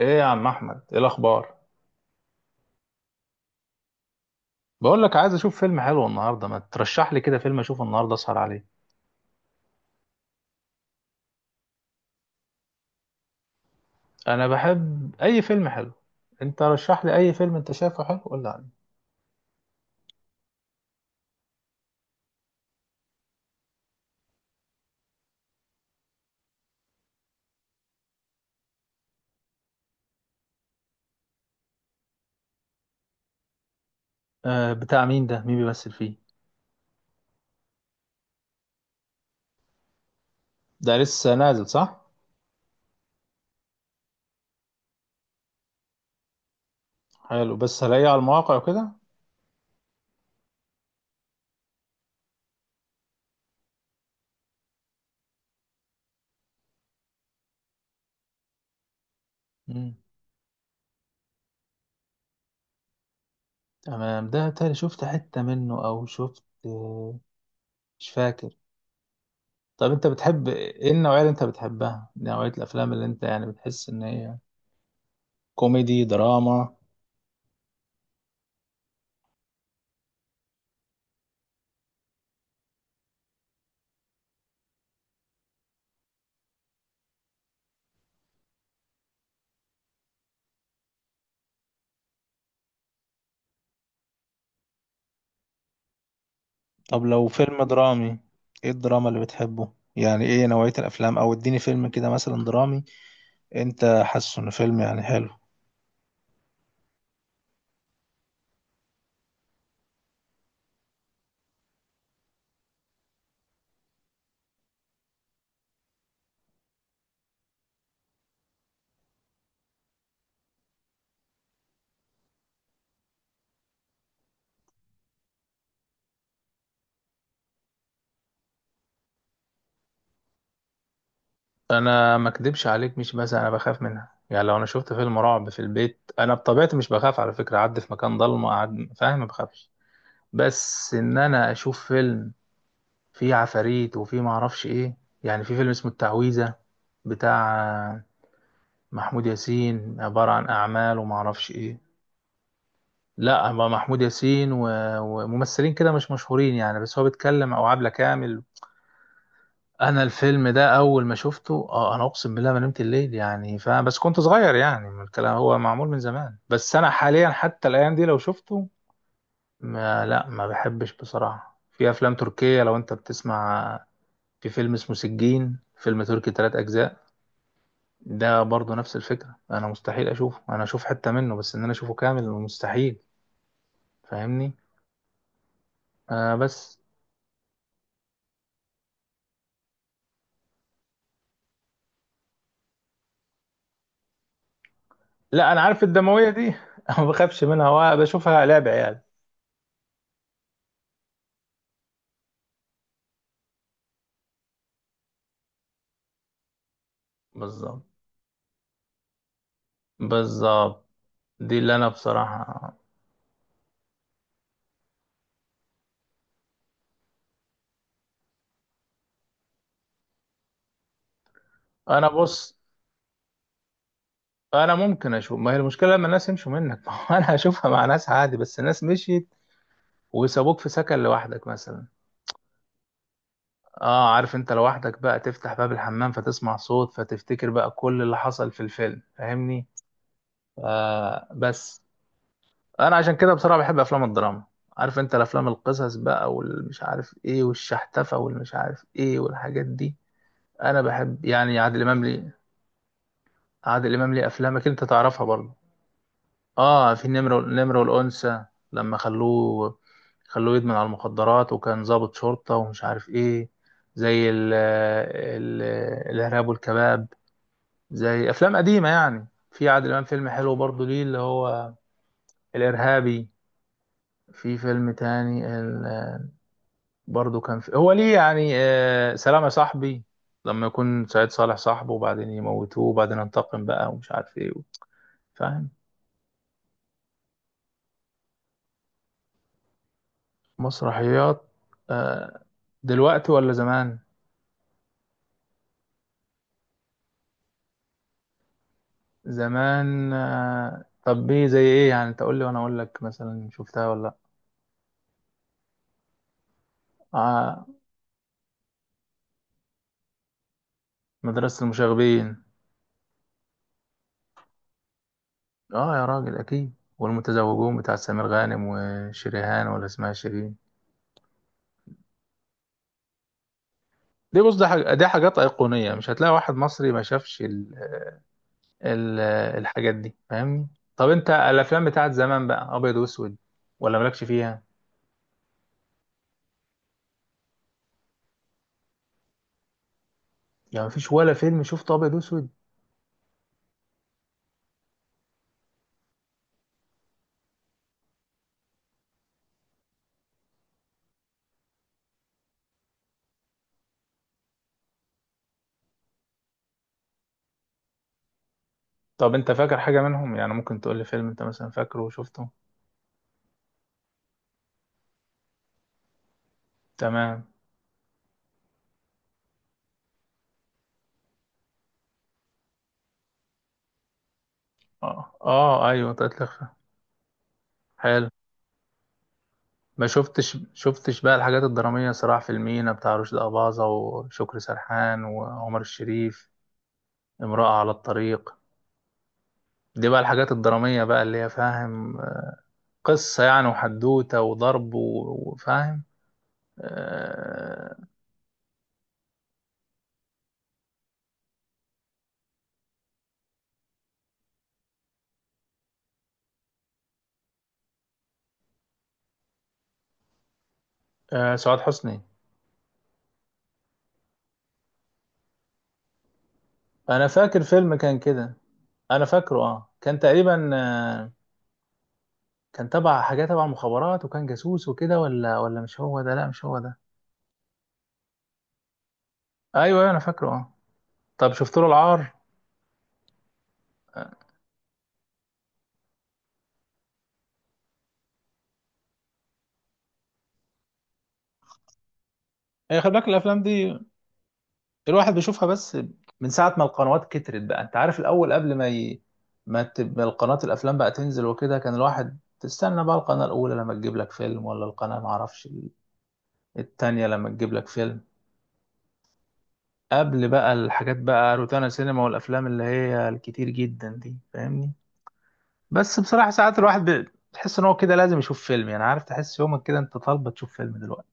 ايه يا عم احمد، ايه الاخبار؟ بقول لك عايز اشوف فيلم حلو النهارده، ما ترشح لي كده فيلم اشوفه النهارده اسهر عليه. انا بحب اي فيلم حلو. انت رشح لي اي فيلم انت شايفه حلو قول لي عليه. آه، بتاع مين ده؟ مين بيمثل فيه؟ ده لسه نازل صح؟ حلو، بس هلاقيه على المواقع وكده. امم تمام. ده تاني شفت حتة منه او شفت مش فاكر. طب انت بتحب ايه؟ النوعية اللي انت بتحبها، نوعية الافلام اللي انت يعني بتحس ان هي كوميدي دراما؟ طب لو فيلم درامي، ايه الدراما اللي بتحبه؟ يعني ايه نوعية الافلام؟ او اديني فيلم كده مثلا درامي انت حاسه انه فيلم يعني حلو. انا ما اكدبش عليك، مش بس انا بخاف منها، يعني لو انا شفت فيلم رعب في البيت، انا بطبيعتي مش بخاف على فكره، اعدي في مكان ضلمه اقعد فاهم، ما بخافش. بس ان انا اشوف فيلم فيه عفاريت وفيه ما اعرفش ايه. يعني في فيلم اسمه التعويذه بتاع محمود ياسين، عباره عن اعمال وما اعرفش ايه. لا، هو محمود ياسين وممثلين كده مش مشهورين يعني، بس هو بيتكلم، او عبلة كامل. انا الفيلم ده اول ما شفته اه، انا اقسم بالله ما نمت الليل يعني. بس كنت صغير يعني، من الكلام هو معمول من زمان. بس انا حاليا حتى الايام دي لو شفته، ما بحبش بصراحة. في افلام تركية لو انت بتسمع، في فيلم اسمه سجين، فيلم تركي ثلاث اجزاء، ده برضه نفس الفكرة، انا مستحيل اشوفه. انا اشوف حتة منه بس، ان انا اشوفه كامل مستحيل. فاهمني؟ آه بس. لا انا عارف الدمويه دي ما بخافش منها وبشوفها لعب عيال. بالظبط، بالظبط، دي اللي انا بصراحه. انا بص، انا ممكن اشوف، ما هي المشكله لما الناس يمشوا منك ما هو انا هشوفها مع ناس عادي، بس الناس مشيت وسابوك في سكن لوحدك مثلا. اه عارف، انت لوحدك بقى تفتح باب الحمام فتسمع صوت فتفتكر بقى كل اللي حصل في الفيلم، فاهمني؟ آه بس. انا عشان كده بصراحه بحب افلام الدراما. عارف انت الافلام، القصص بقى والمش عارف ايه والشحتفه والمش عارف ايه والحاجات دي. انا بحب يعني عادل امام ليه، عادل امام ليه افلامك انت تعرفها برضه. اه، في النمر، النمر والانثى لما خلوه يدمن على المخدرات وكان ضابط شرطه ومش عارف ايه. زي ال الارهاب والكباب، زي افلام قديمه يعني. في عادل امام فيلم حلو برضه ليه اللي هو الارهابي. في فيلم تاني برضو كان في هو ليه يعني، آه، سلام يا صاحبي، لما يكون سعيد صالح صاحبه وبعدين يموتوه وبعدين انتقم بقى ومش عارف ايه فاهم؟ مسرحيات؟ آه. دلوقتي ولا زمان؟ زمان. آه طب ايه زي ايه يعني؟ انت قول لي وانا اقول لك مثلا شفتها ولا لا. آه، مدرسة المشاغبين. اه يا راجل اكيد. والمتزوجون بتاع سمير غانم وشريهان، ولا اسمها شيرين. دي بص، ده حاجة، دي حاجات أيقونية، مش هتلاقي واحد مصري ما شافش ال- الحاجات دي، فاهمني؟ طب انت الافلام بتاعت زمان بقى، ابيض واسود، ولا مالكش فيها؟ يعني مفيش ولا فيلم شفته ابيض واسود؟ طب انت فاكر حاجه منهم؟ يعني ممكن تقول لي فيلم انت مثلا فاكره وشفته. تمام. اه اه ايوه طلعت لخفه، حلو. ما شفتش، شفتش بقى الحاجات الدراميه، صراع في المينا بتاع رشدي اباظه وشكري سرحان وعمر الشريف؟ امراه على الطريق. دي بقى الحاجات الدراميه بقى اللي هي فاهم، قصه يعني وحدوته وضرب وفاهم. آه. آه سعاد حسني. انا فاكر فيلم كان كده. انا فاكره اه، كان تقريبا آه، كان تبع حاجه، تبع مخابرات وكان جاسوس وكده، ولا مش هو ده. ايوه ايوه انا فاكره اه. طب شفت له العار؟ آه. هي خلي بالك الافلام دي الواحد بيشوفها بس من ساعه ما القنوات كترت بقى. انت عارف الاول قبل ما ما تبقى القناه الافلام بقى تنزل وكده، كان الواحد تستنى بقى القناه الاولى لما تجيب لك فيلم، ولا القناه معرفش التانية لما تجيب لك فيلم، قبل بقى الحاجات بقى روتانا سينما والافلام اللي هي الكتير جدا دي، فاهمني؟ بس بصراحه ساعات الواحد بتحس ان هو كده لازم يشوف فيلم يعني، عارف تحس يومك كده انت طالبه تشوف فيلم دلوقتي.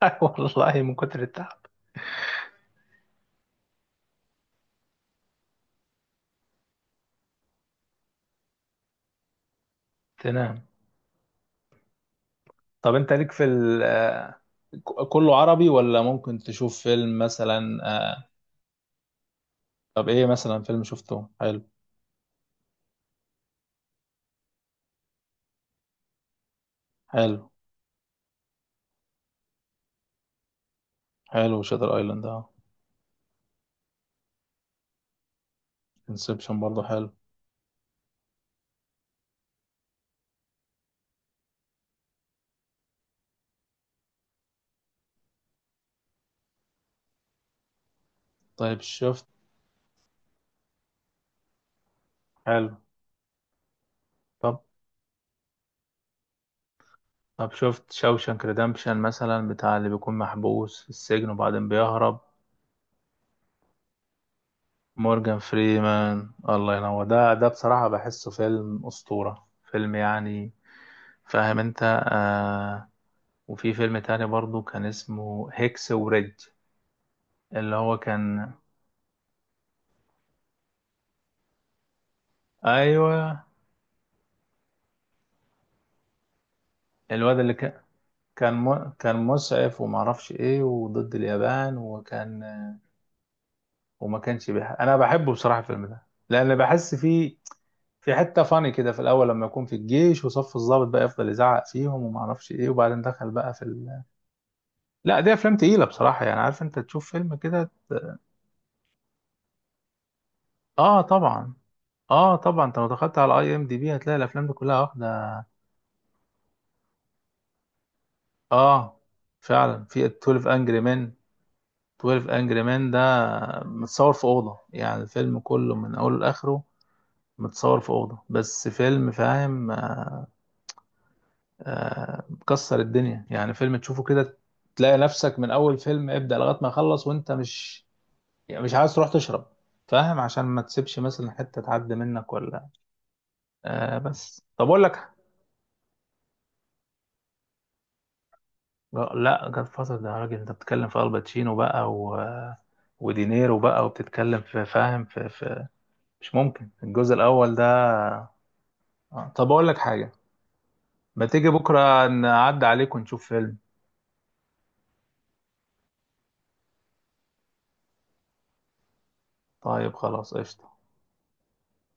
والله من كتر التعب تنام. طب انت ليك في ال كله عربي ولا ممكن تشوف فيلم مثلا؟ آه، طب ايه مثلا فيلم شفته حلو؟ حلو. حلو شاتر ايلاند اه. انسبشن برضه حلو. طيب شفت، حلو. طب، طب شفت شوشانك ريدمبشن مثلا، بتاع اللي بيكون محبوس في السجن وبعدين بيهرب؟ مورجان فريمان الله ينور، ده ده بصراحة بحسه فيلم أسطورة فيلم يعني، فاهم انت؟ آه. وفي فيلم تاني برضو كان اسمه هيكس وريدج، اللي هو كان، ايوه، الواد اللي كان، كان مسعف ومعرفش ايه وضد اليابان وكان، انا بحبه بصراحة الفيلم ده، لان بحس فيه في حتة فاني كده في الأول، لما يكون في الجيش وصف الضابط بقى يفضل يزعق فيهم وما أعرفش إيه وبعدين دخل بقى لا دي أفلام تقيلة بصراحة يعني، عارف أنت تشوف فيلم كده. ت- آه طبعا. آه طبعا، أنت لو دخلت على أي إم دي بي هتلاقي الأفلام دي كلها واخدة. آه فعلا. في 12 أنجري مان، 12 أنجري مان ده متصور في أوضة، يعني الفيلم كله من أوله لآخره متصور في أوضة، بس فيلم فاهم، آه، مكسر الدنيا، يعني فيلم تشوفه كده تلاقي نفسك من اول فيلم ابدأ لغاية ما يخلص وانت مش، يعني مش عايز تروح تشرب، فاهم، عشان ما تسيبش مثلا حتة تعدي منك ولا. آه بس، طب اقول لك. لا جاد فازر ده يا راجل، انت بتتكلم في الباتشينو بقى ودينيرو بقى، وبتتكلم في فاهم في مش ممكن الجزء الاول ده. آه، طب اقول لك حاجة، ما تيجي بكرة نعدي عليك ونشوف فيلم؟ طيب خلاص، قشطة.